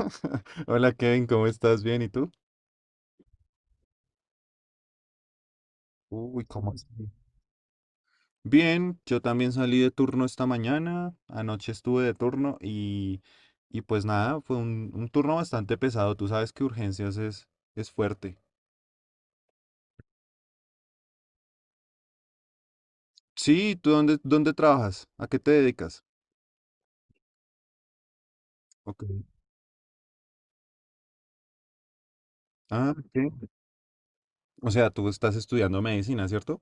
Hola Kevin, ¿cómo estás? ¿Bien? ¿Y tú? Uy, ¿cómo así? Bien, yo también salí de turno esta mañana, anoche estuve de turno y pues nada, fue un turno bastante pesado, tú sabes que es fuerte. Sí, ¿tú dónde trabajas? ¿A qué te dedicas? Ok. Ah, ok. O sea, tú estás estudiando medicina, ¿cierto?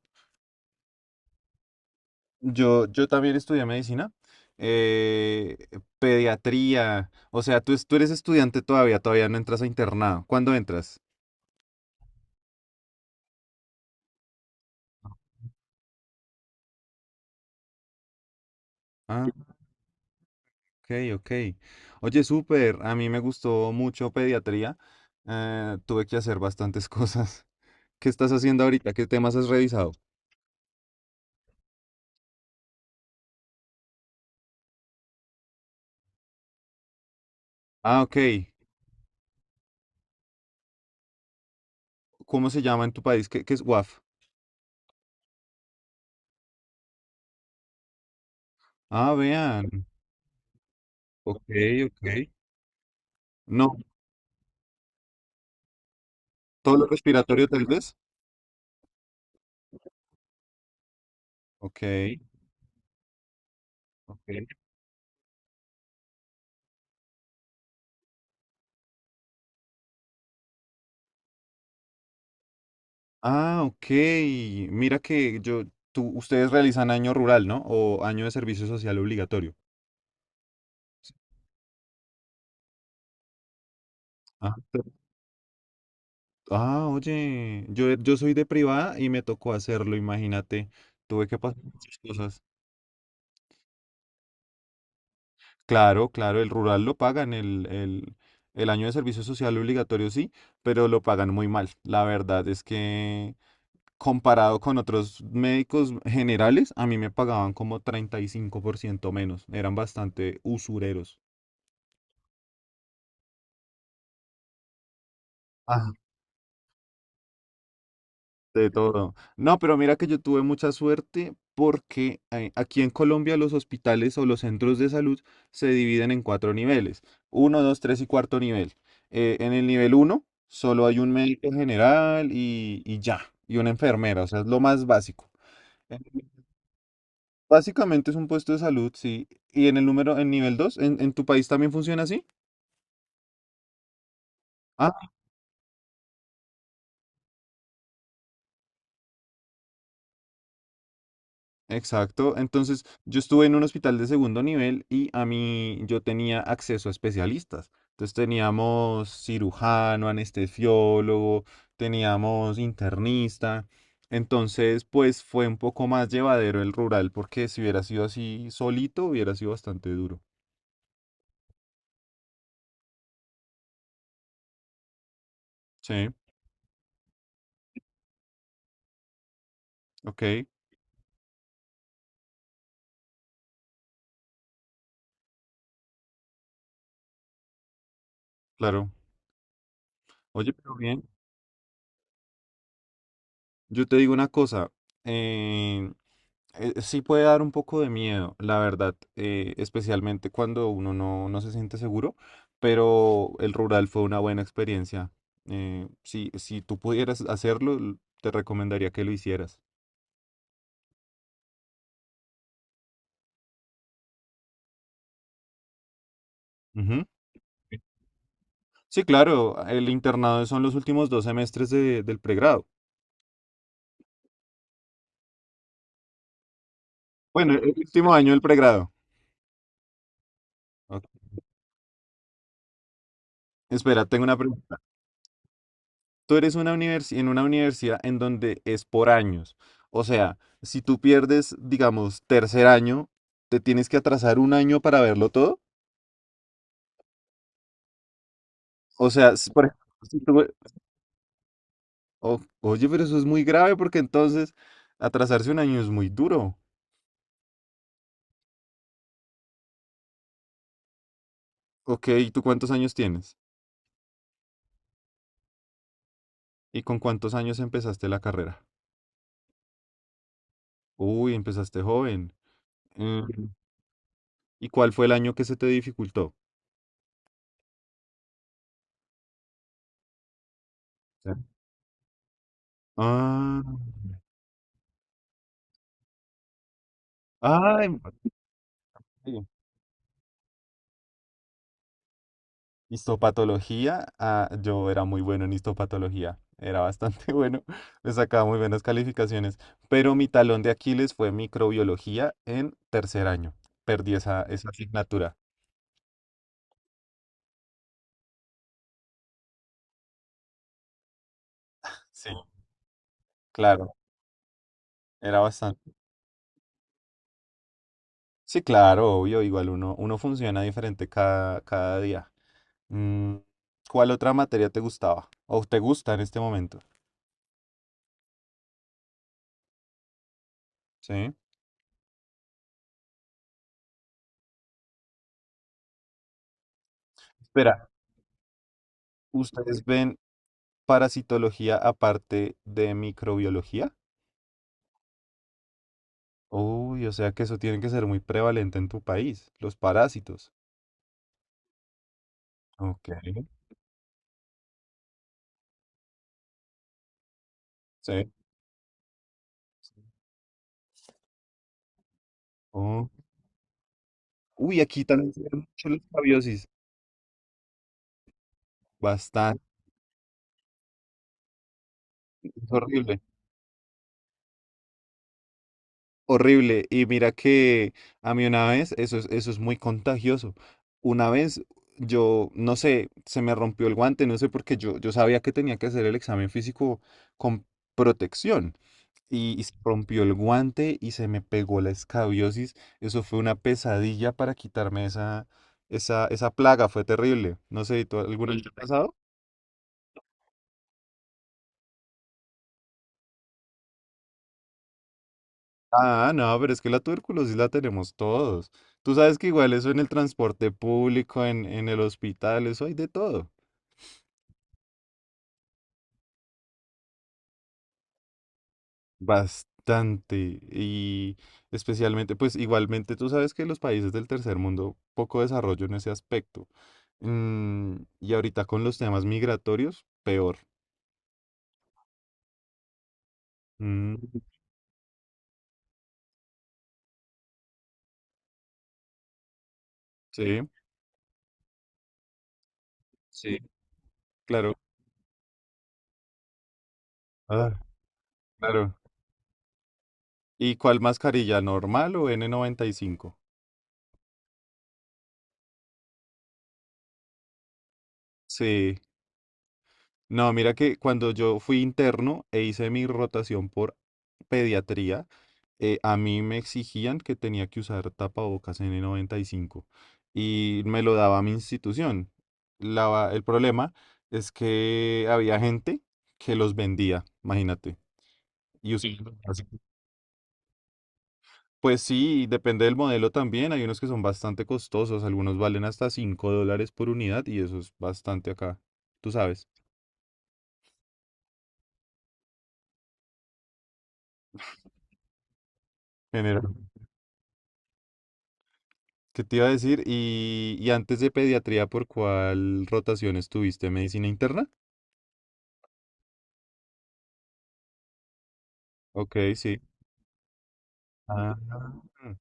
Yo también estudié medicina, eh, pediatría, o sea, tú eres estudiante todavía, todavía no entras a internado. ¿Cuándo entras? Ah. Ok, ok. Oye, súper, a mí me gustó mucho pediatría. Tuve que hacer bastantes cosas. ¿Qué estás haciendo ahorita? ¿Qué temas has revisado? Ah, ok. ¿Cómo se llama en tu país? ¿Qué es WAF? Ah, vean. Ok, ok. No, todo lo respiratorio tal vez. Ok, ok. Ah, ok. Mira que ustedes realizan año rural, ¿no? O año de servicio social obligatorio. Ah, ah, oye, yo soy de privada y me tocó hacerlo, imagínate. Tuve que pasar muchas cosas. Claro, claro, el rural lo pagan, el año de servicio social obligatorio sí, pero lo pagan muy mal. La verdad es que comparado con otros médicos generales, a mí me pagaban como 35% menos. Eran bastante usureros. De todo. No, pero mira que yo tuve mucha suerte porque aquí en Colombia los hospitales o los centros de salud se dividen en cuatro niveles. Uno, dos, tres y cuarto nivel. En el nivel uno solo hay un médico general y ya, y una enfermera, o sea, es lo más básico. Eh, Básicamente es un puesto de salud, sí. Y en el número, en nivel dos, ¿en tu país también funciona así? Ah, exacto. Entonces, yo estuve en un hospital de segundo nivel y a mí yo tenía acceso a especialistas. Entonces teníamos cirujano, anestesiólogo, teníamos internista. Entonces, pues fue un poco más llevadero el rural, porque si hubiera sido así solito, hubiera sido bastante duro. Sí, ok, claro. Oye, pero bien, yo te digo una cosa. eh, sí puede dar un poco de miedo, la verdad, especialmente cuando uno no se siente seguro, pero el rural fue una buena experiencia. Si tú pudieras hacerlo, te recomendaría que lo hicieras. Ujú. Sí, claro, el internado son los últimos dos semestres del pregrado. Bueno, el último año del pregrado. Ok. Espera, tengo una pregunta. Tú eres una universi- en una universidad en donde es por años. O sea, si tú pierdes, digamos, tercer año, te tienes que atrasar un año para verlo todo. O sea, si, por ejemplo, si tú- o- oye, pero eso es muy grave porque entonces atrasarse un año es muy duro. Ok, ¿y tú cuántos años tienes? ¿Y con cuántos años empezaste la carrera? Uy, empezaste joven. Mm, ¿y cuál fue el año que se te dificultó? Ya. Ah, ah, Histopatología, ah, yo era muy bueno en histopatología, era bastante bueno, me sacaba muy buenas calificaciones, pero mi talón de Aquiles fue microbiología en tercer año, perdí esa asignatura, sí, claro, era bastante, sí, claro, obvio, igual uno funciona diferente cada día. Mm, ¿cuál otra materia te gustaba o te gusta en este momento? Sí. Espera, ¿ustedes ven parasitología aparte de microbiología? Uy, o sea que eso tiene que ser muy prevalente en tu país, los parásitos. Ok, sí. Oh. Uy, aquí también se ven mucho los escabiosis. Bastante, es horrible. Horrible. Y mira que a mí una vez, eso es muy contagioso. Una vez yo, no sé, se me rompió el guante, no sé por qué yo sabía que tenía que hacer el examen físico con protección. Y se rompió el guante y se me pegó la escabiosis. Eso fue una pesadilla para quitarme esa plaga, fue terrible. No sé, ¿tú alguna vez te ha pasado? Ah, no, pero es que la tuberculosis la tenemos todos. Tú sabes que igual eso en el transporte público, en el hospital, eso hay de todo. Bastante. Y especialmente, pues igualmente tú sabes que los países del tercer mundo, poco desarrollo en ese aspecto. Mm, y ahorita con los temas migratorios, peor. Mm, sí, sí, claro. Ah, claro. ¿Y cuál mascarilla? ¿Normal o N95? Sí. No, mira que cuando yo fui interno e hice mi rotación por pediatría, a mí me exigían que tenía que usar tapabocas n noventa y cinco y me lo daba mi institución. El problema es que había gente que los vendía, imagínate. Y us- Y así- pues sí, depende del modelo también. Hay unos que son bastante costosos, algunos valen hasta 5 dólares por unidad y eso es bastante acá, tú sabes. ¿Qué te iba a decir? Y antes de pediatría, ¿por cuál rotación estuviste? ¿Medicina interna? Ok, sí. Ah, mm,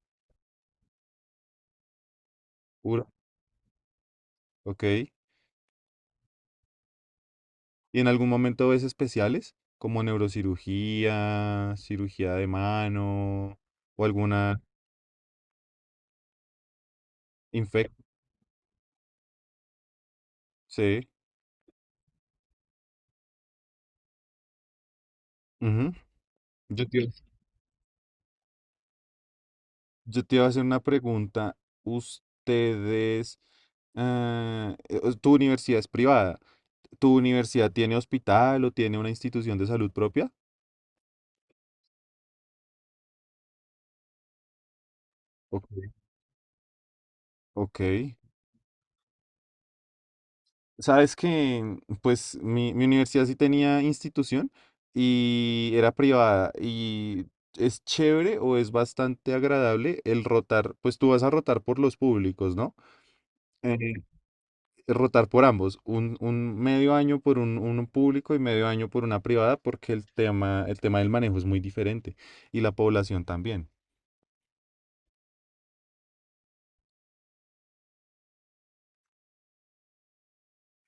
uro. Ok. ¿Y en algún momento ves especiales? Como neurocirugía, cirugía de mano o alguna infección. Sí. Ujú. Yo te, iba- yo te iba a hacer una pregunta. ¿Ustedes, tu universidad es privada? ¿Tu universidad tiene hospital o tiene una institución de salud propia? Ok. Sabes que, pues, mi universidad sí tenía institución y era privada y es chévere o es bastante agradable el rotar, pues tú vas a rotar por los públicos, ¿no? Eh, rotar por ambos, un medio año por un público y medio año por una privada porque el tema del manejo es muy diferente y la población también.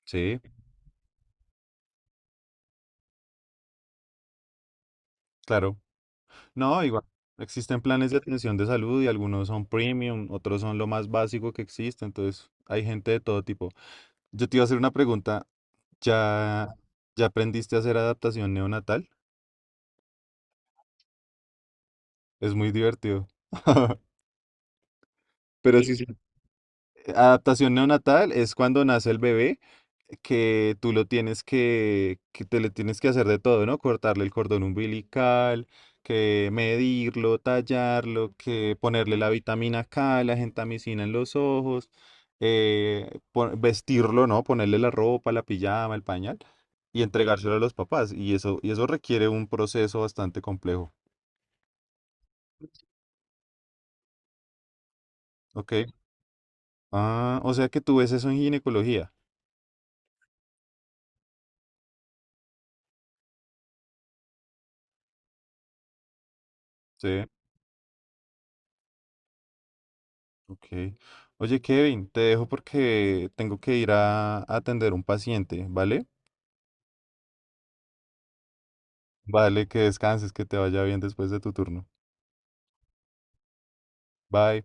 Sí, claro. No, igual. Existen planes de atención de salud y algunos son premium, otros son lo más básico que existe, entonces hay gente de todo tipo. Yo te iba a hacer una pregunta, ¿ya, ¿ya aprendiste a hacer adaptación neonatal? Es muy divertido. Pero sí, sí. Adaptación neonatal es cuando nace el bebé, que tú lo tienes que te le tienes que hacer de todo, ¿no? Cortarle el cordón umbilical, que medirlo, tallarlo, que ponerle la vitamina K, la gentamicina en los ojos, vestirlo, ¿no? Ponerle la ropa, la pijama, el pañal y entregárselo a los papás. Y eso requiere un proceso bastante complejo, ¿ok? Ah, o sea que tú ves eso en ginecología, ¿sí? Ok. Oye, Kevin, te dejo porque tengo que ir a atender un paciente, ¿vale? Vale, que descanses, que te vaya bien después de tu turno. Bye.